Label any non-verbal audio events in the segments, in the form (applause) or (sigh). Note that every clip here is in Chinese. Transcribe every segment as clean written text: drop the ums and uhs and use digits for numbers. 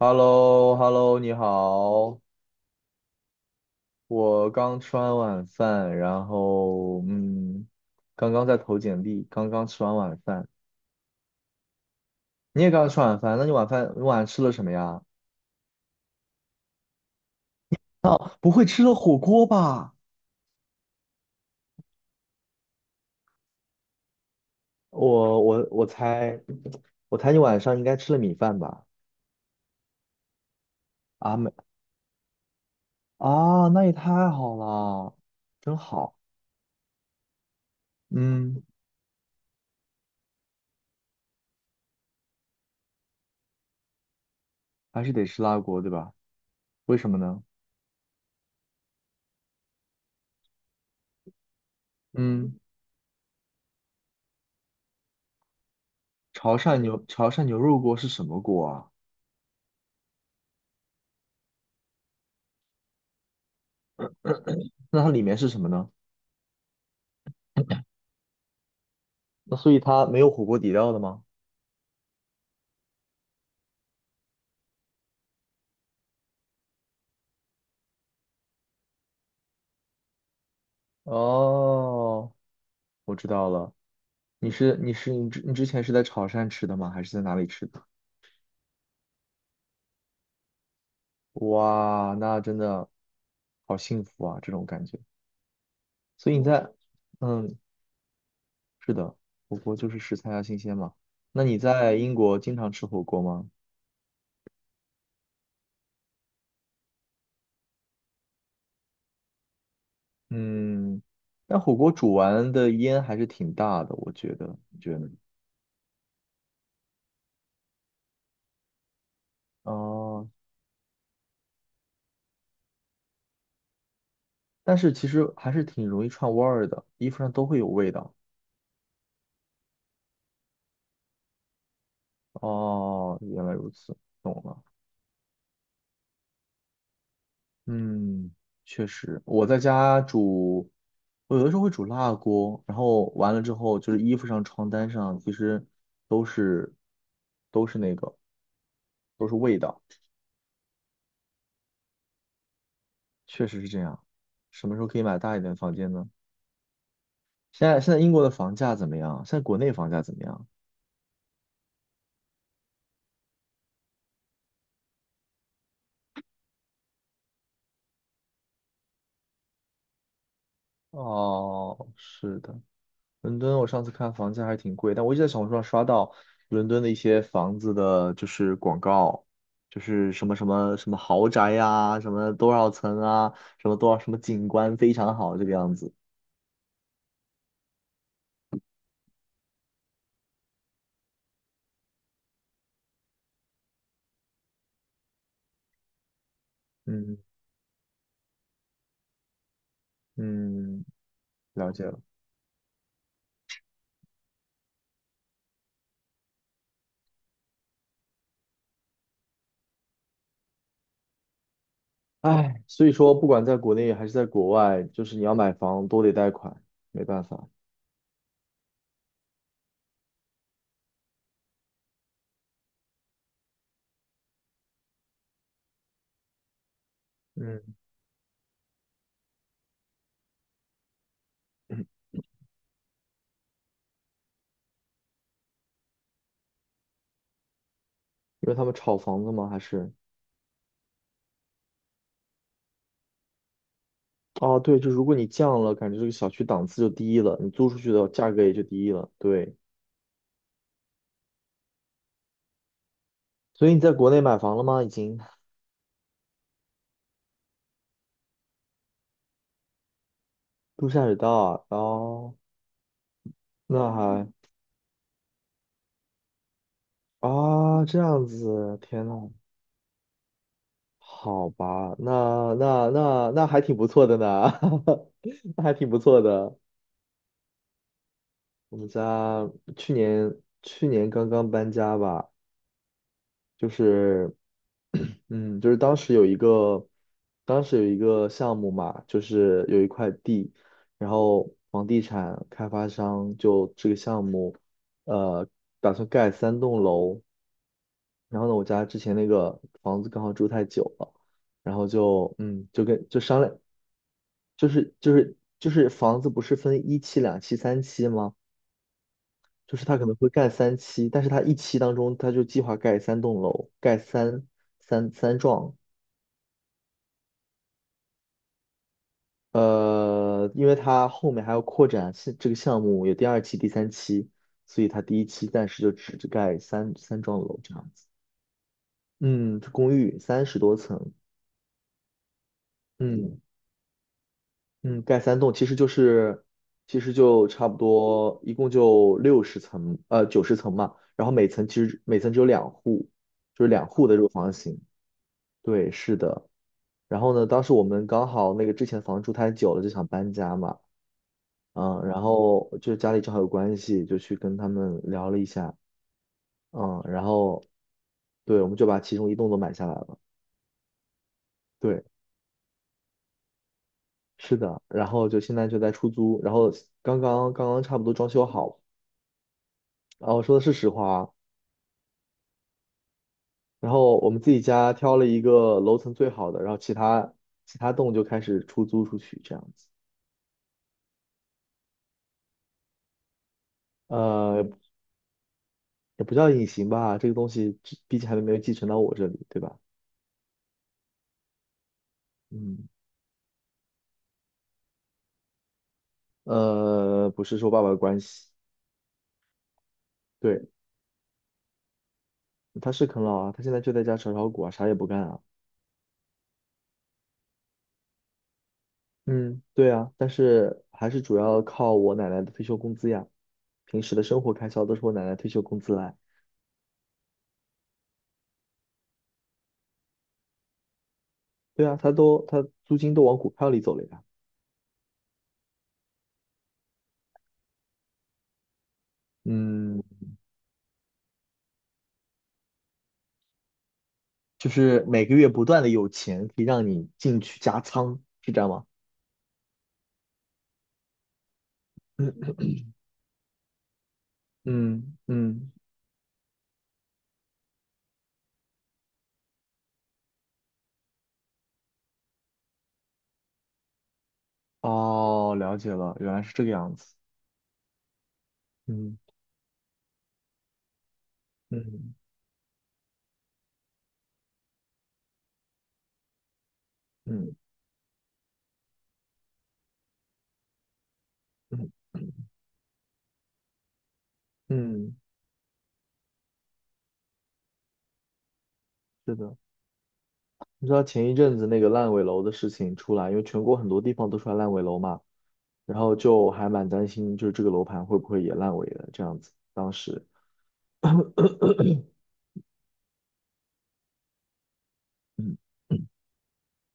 h e l l o h e l l o 你好，我刚吃完晚饭，然后刚刚在投简历，刚刚吃完晚饭。你也刚刚吃晚饭，那你晚上吃了什么呀？哦，不会吃了火锅吧？我猜，我猜你晚上应该吃了米饭吧？啊没啊，那也太好了，真好。嗯，还是得吃辣锅对吧？为什么呢？嗯，潮汕牛肉锅是什么锅啊？那它里面是什么呢？那所以它没有火锅底料的吗？哦，我知道了。你之前是在潮汕吃的吗？还是在哪里吃的？哇，那真的好幸福啊，这种感觉。所以你在，嗯，是的，火锅就是食材要新鲜嘛。那你在英国经常吃火锅吗？嗯，但火锅煮完的烟还是挺大的，我觉得，你觉得呢？哦，但是其实还是挺容易串味儿的，衣服上都会有味道。哦，原来如此，懂了。嗯，确实，我在家煮，我有的时候会煮辣锅，然后完了之后就是衣服上、床单上，其实都是都是那个都是味道，确实是这样。什么时候可以买大一点的房间呢？现在英国的房价怎么样？现在国内房价怎么样？哦，是的，伦敦，我上次看房价还挺贵，但我一直在小红书上刷到伦敦的一些房子的，就是广告，就是什么什么什么豪宅呀、什么多少层啊，什么多少什么景观非常好这个样子。嗯嗯，了解了。唉，所以说不管在国内还是在国外，就是你要买房都得贷款，没办法。嗯，因为他们炒房子吗？还是？哦，对，就如果你降了，感觉这个小区档次就低了，你租出去的价格也就低了。对。所以你在国内买房了吗？已经陆下水道啊，哦，那还啊，这样子，天呐，好吧，那还挺不错的呢，(laughs) 那还挺不错的。我们家去年去年刚刚搬家吧，就是就是当时有一个，当时有一个项目嘛，就是有一块地，然后房地产开发商就这个项目，呃，打算盖三栋楼。然后呢，我家之前那个房子刚好住太久了，然后就就跟就商量，就是房子不是分一期、两期、三期吗？就是他可能会盖三期，但是他一期当中他就计划盖三栋楼，盖三幢。因为它后面还要扩展是这个项目，有第二期、第三期，所以它第一期暂时就只盖三幢楼这样子。嗯，这公寓30多层，嗯嗯，盖三栋其实就是，其实就差不多，一共就60层，90层嘛。然后每层其实每层只有两户，就是两户的这个房型。对，是的。然后呢，当时我们刚好那个之前房住太久了，就想搬家嘛。嗯，然后就家里正好有关系，就去跟他们聊了一下，嗯，然后对，我们就把其中一栋都买下来了，对，是的，然后就现在就在出租，然后刚刚差不多装修好，啊，我说的是实话啊，然后我们自己家挑了一个楼层最好的，然后其他栋就开始出租出去这样子，呃，也不叫隐形吧，这个东西只毕竟还没有继承到我这里，对吧？嗯，不是说爸爸的关系。对。他是啃老啊，他现在就在家炒股啊，啥也不干啊。嗯，对啊，但是还是主要靠我奶奶的退休工资呀，平时的生活开销都是我奶奶退休工资来。对啊，他租金都往股票里走了呀。嗯，就是每个月不断的有钱可以让你进去加仓，是这样吗？嗯嗯，哦，了解了，原来是这个样子。嗯嗯嗯嗯，嗯，是的。你知道前一阵子那个烂尾楼的事情出来，因为全国很多地方都出来烂尾楼嘛，然后就还蛮担心，就是这个楼盘会不会也烂尾了这样子。当时，嗯，嗯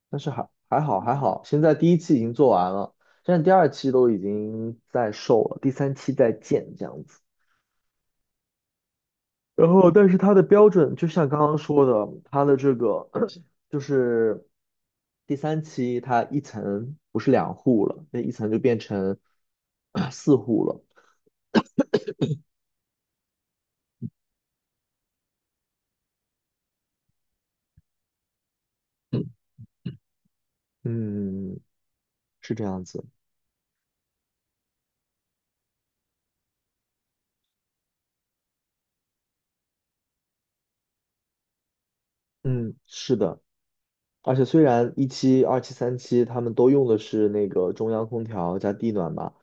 但是还好还好，现在第一期已经做完了，现在第二期都已经在售了，第三期在建这样子。然后，但是它的标准就像刚刚说的，它的这个 (clears throat) 就是第三期，它一层不是两户了，那一层就变成 (clears throat) 四户了。嗯，是这样子。嗯，是的。而且虽然一期、二期、三期他们都用的是那个中央空调加地暖吧，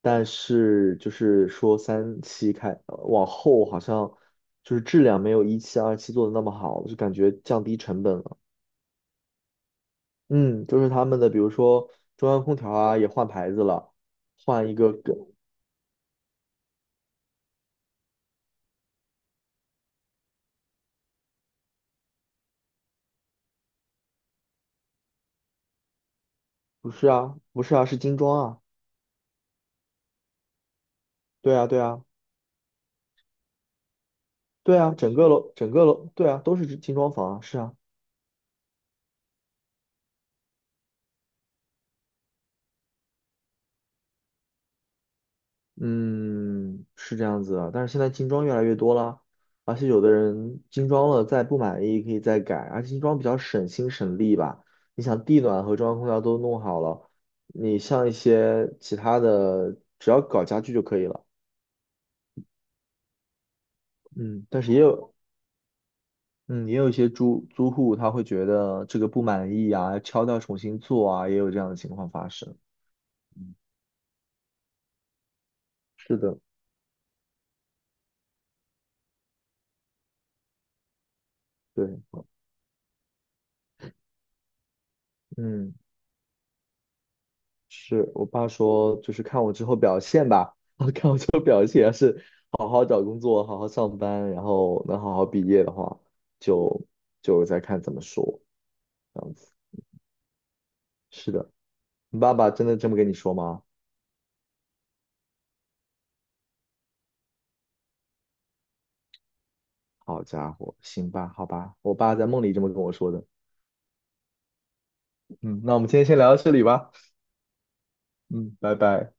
但是就是说三期开往后好像就是质量没有一期、二期做的那么好，就感觉降低成本了。嗯，就是他们的比如说中央空调啊也换牌子了，换一个更不是啊，不是啊，是精装啊。对啊，对啊，对啊，整个楼对啊都是精装房啊，是啊。嗯，是这样子啊，但是现在精装越来越多了，而且有的人精装了再不满意可以再改，而且精装比较省心省力吧。你想地暖和中央空调都弄好了，你像一些其他的，只要搞家具就可以了。嗯，但是也有，嗯，也有一些租户他会觉得这个不满意啊，敲掉重新做啊，也有这样的情况发生。是的，对，嗯，是我爸说就是看我之后表现吧。好好找工作，好好上班，然后能好好毕业的话，就就再看怎么说，这样子。是的，你爸爸真的这么跟你说吗？好家伙，行吧，好吧，我爸在梦里这么跟我说的。嗯，那我们今天先聊到这里吧。嗯，拜拜。